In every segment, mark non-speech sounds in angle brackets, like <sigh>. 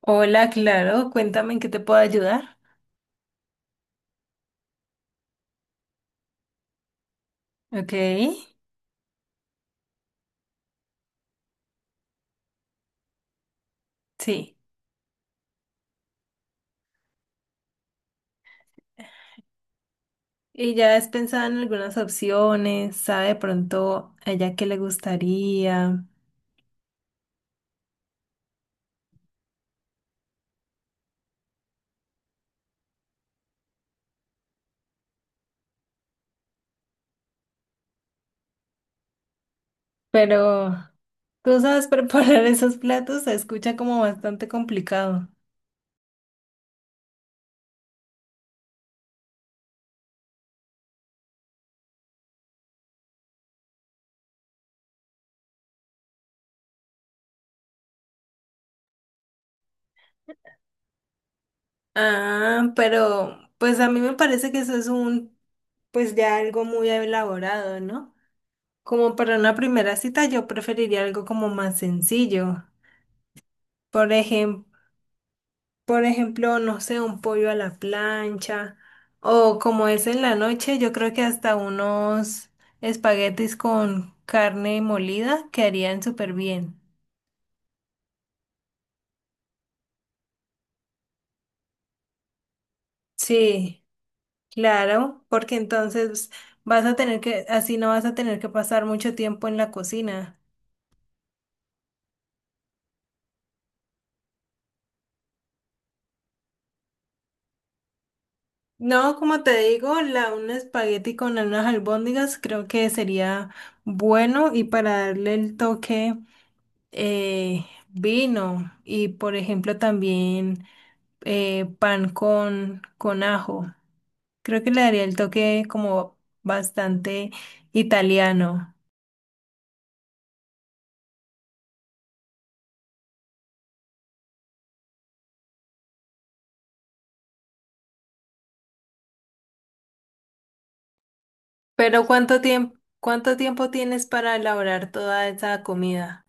Hola, claro, cuéntame en qué te puedo ayudar. Ok, sí. Y ya has pensado en algunas opciones, sabe de pronto a ella qué le gustaría, pero tú sabes preparar <laughs> esos platos, se escucha como bastante complicado. Ah, pero pues a mí me parece que eso es un, pues ya algo muy elaborado, ¿no? Como para una primera cita yo preferiría algo como más sencillo. Por ejemplo, por ejemplo, no sé, un pollo a la plancha o como es en la noche, yo creo que hasta unos espaguetis con carne molida quedarían súper bien. Sí, claro, porque entonces vas a tener que, así no vas a tener que pasar mucho tiempo en la cocina. No, como te digo, la, un espagueti con unas albóndigas creo que sería bueno y para darle el toque vino y por ejemplo también pan con ajo. Creo que le daría el toque como bastante italiano. Pero cuánto tiempo tienes para elaborar toda esa comida?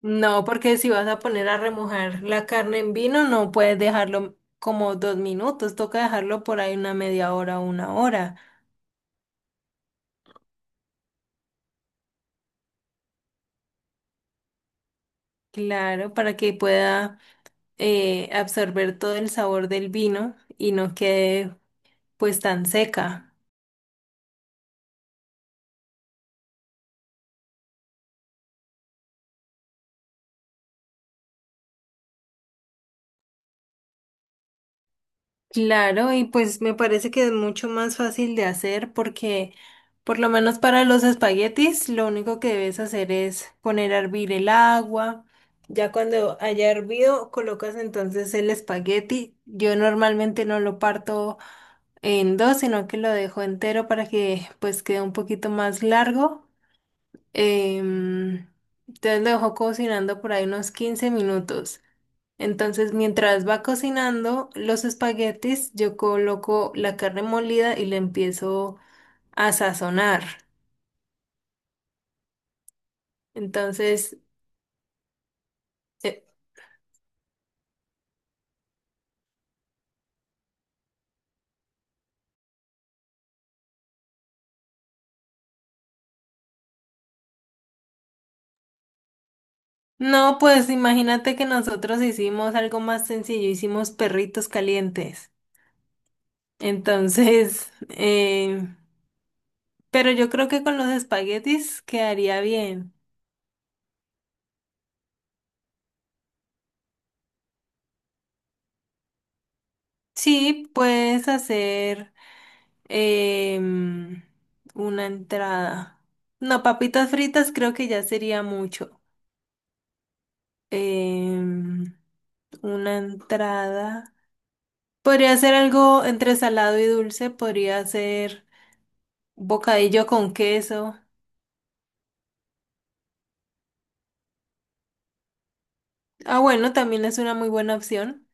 No, porque si vas a poner a remojar la carne en vino, no puedes dejarlo como 2 minutos, toca dejarlo por ahí una media hora o una hora. Claro, para que pueda absorber todo el sabor del vino y no quede pues tan seca. Claro, y pues me parece que es mucho más fácil de hacer porque por lo menos para los espaguetis lo único que debes hacer es poner a hervir el agua. Ya cuando haya hervido, colocas entonces el espagueti. Yo normalmente no lo parto en dos, sino que lo dejo entero para que pues quede un poquito más largo. Em, entonces lo dejo cocinando por ahí unos 15 minutos. Entonces, mientras va cocinando los espaguetis, yo coloco la carne molida y le empiezo a sazonar. Entonces, eh, no, pues imagínate que nosotros hicimos algo más sencillo, hicimos perritos calientes. Entonces, <laughs> pero yo creo que con los espaguetis quedaría bien. Sí, puedes hacer em, una entrada. No, papitas fritas creo que ya sería mucho. em, una entrada. Podría ser algo entre salado y dulce, podría ser bocadillo con queso. Ah, bueno, también es una muy buena opción.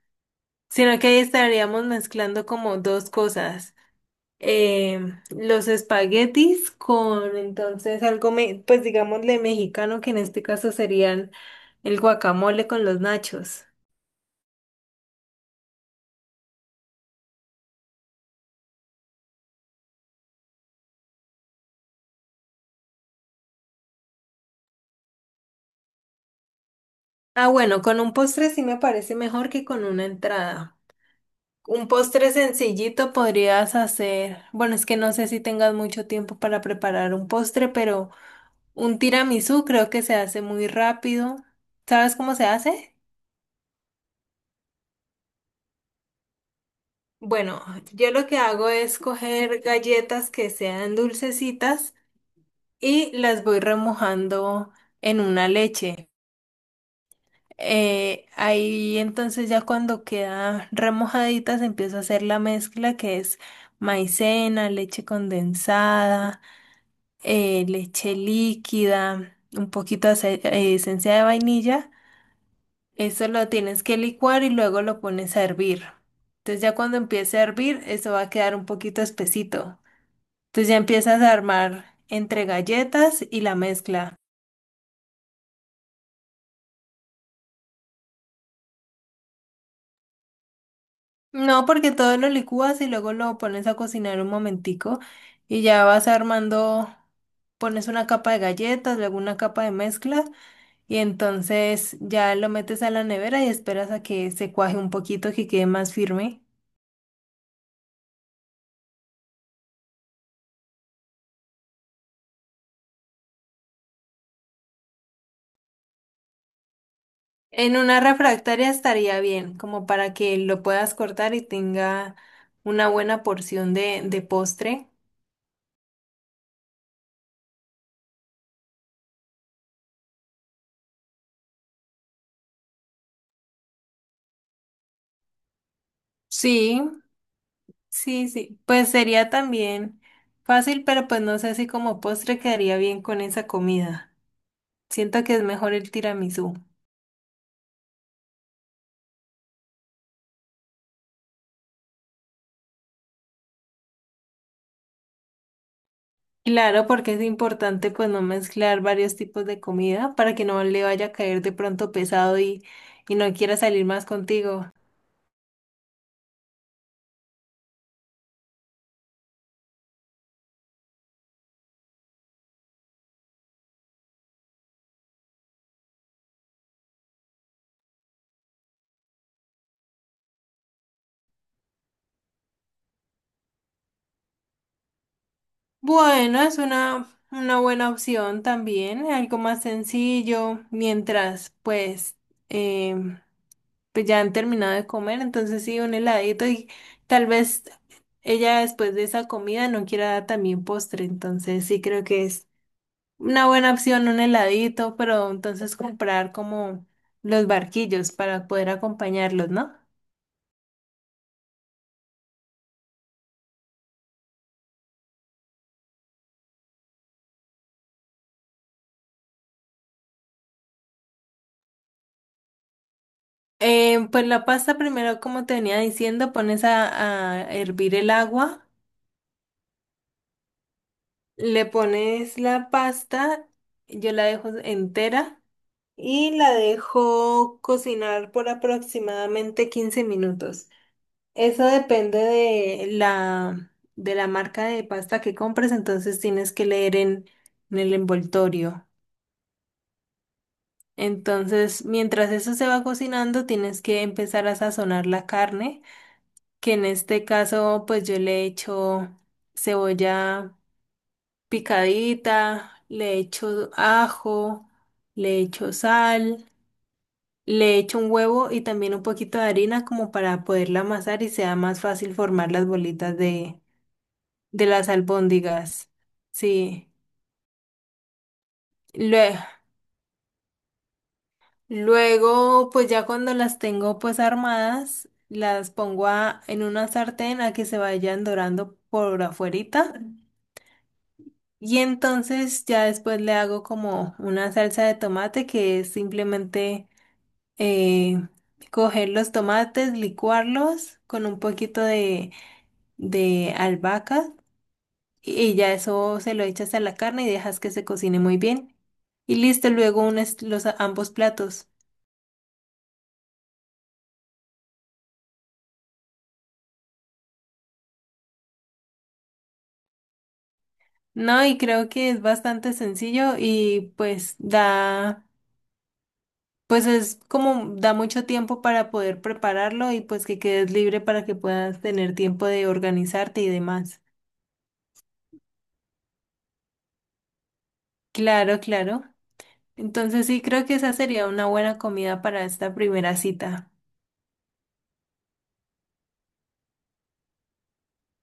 Sino que ahí estaríamos mezclando como dos cosas. Los espaguetis con entonces algo, pues digámosle mexicano, que en este caso serían el guacamole con los nachos. Ah, bueno, con un postre sí me parece mejor que con una entrada. Un postre sencillito podrías hacer. Bueno, es que no sé si tengas mucho tiempo para preparar un postre, pero un tiramisú creo que se hace muy rápido. ¿Sabes cómo se hace? Bueno, yo lo que hago es coger galletas que sean dulcecitas y las voy remojando en una leche. Ahí entonces ya cuando quedan remojaditas empiezo a hacer la mezcla que es maicena, leche condensada, leche líquida, un poquito de esencia de vainilla. Eso lo tienes que licuar y luego lo pones a hervir. Entonces ya cuando empiece a hervir, eso va a quedar un poquito espesito. Entonces ya empiezas a armar entre galletas y la mezcla. No, porque todo lo licúas y luego lo pones a cocinar un momentico y ya vas armando, pones una capa de galletas, luego una capa de mezcla. Y entonces ya lo metes a la nevera y esperas a que se cuaje un poquito, que quede más firme. En una refractaria estaría bien, como para que lo puedas cortar y tenga una buena porción de postre. Sí, sí, sí. Pues sería también fácil, pero pues no sé si como postre quedaría bien con esa comida. Siento que es mejor el tiramisú. Claro, porque es importante pues no mezclar varios tipos de comida para que no le vaya a caer de pronto pesado y no quiera salir más contigo. Bueno, es una buena opción también, algo más sencillo, mientras pues, em, pues ya han terminado de comer, entonces sí, un heladito y tal vez ella después de esa comida no quiera dar también postre, entonces sí creo que es una buena opción, un heladito, pero entonces comprar como los barquillos para poder acompañarlos, ¿no? Pues la pasta primero, como te venía diciendo, pones a hervir el agua, le pones la pasta, yo la dejo entera y la dejo cocinar por aproximadamente 15 minutos. Eso depende de la marca de pasta que compres, entonces tienes que leer en el envoltorio. Entonces, mientras eso se va cocinando, tienes que empezar a sazonar la carne, que en este caso, pues yo le echo cebolla picadita, le echo ajo, le echo sal, le echo un huevo y también un poquito de harina como para poderla amasar y sea más fácil formar las bolitas de las albóndigas. Sí. Lue- Luego, pues ya cuando las tengo pues armadas, las pongo en una sartén a que se vayan dorando por afuerita. Y entonces ya después le hago como una salsa de tomate que es simplemente eh, coger los tomates, licuarlos con un poquito de albahaca y ya eso se lo echas a la carne y dejas que se cocine muy bien. Y listo, luego unes los ambos platos. No, y creo que es bastante sencillo y pues da, pues es como da mucho tiempo para poder prepararlo y pues que quedes libre para que puedas tener tiempo de organizarte y demás. Claro, claro. Entonces sí, creo que esa sería una buena comida para esta primera cita.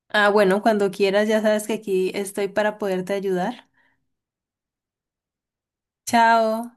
Ah, bueno, cuando quieras, ya sabes que aquí estoy para poderte ayudar. Chao.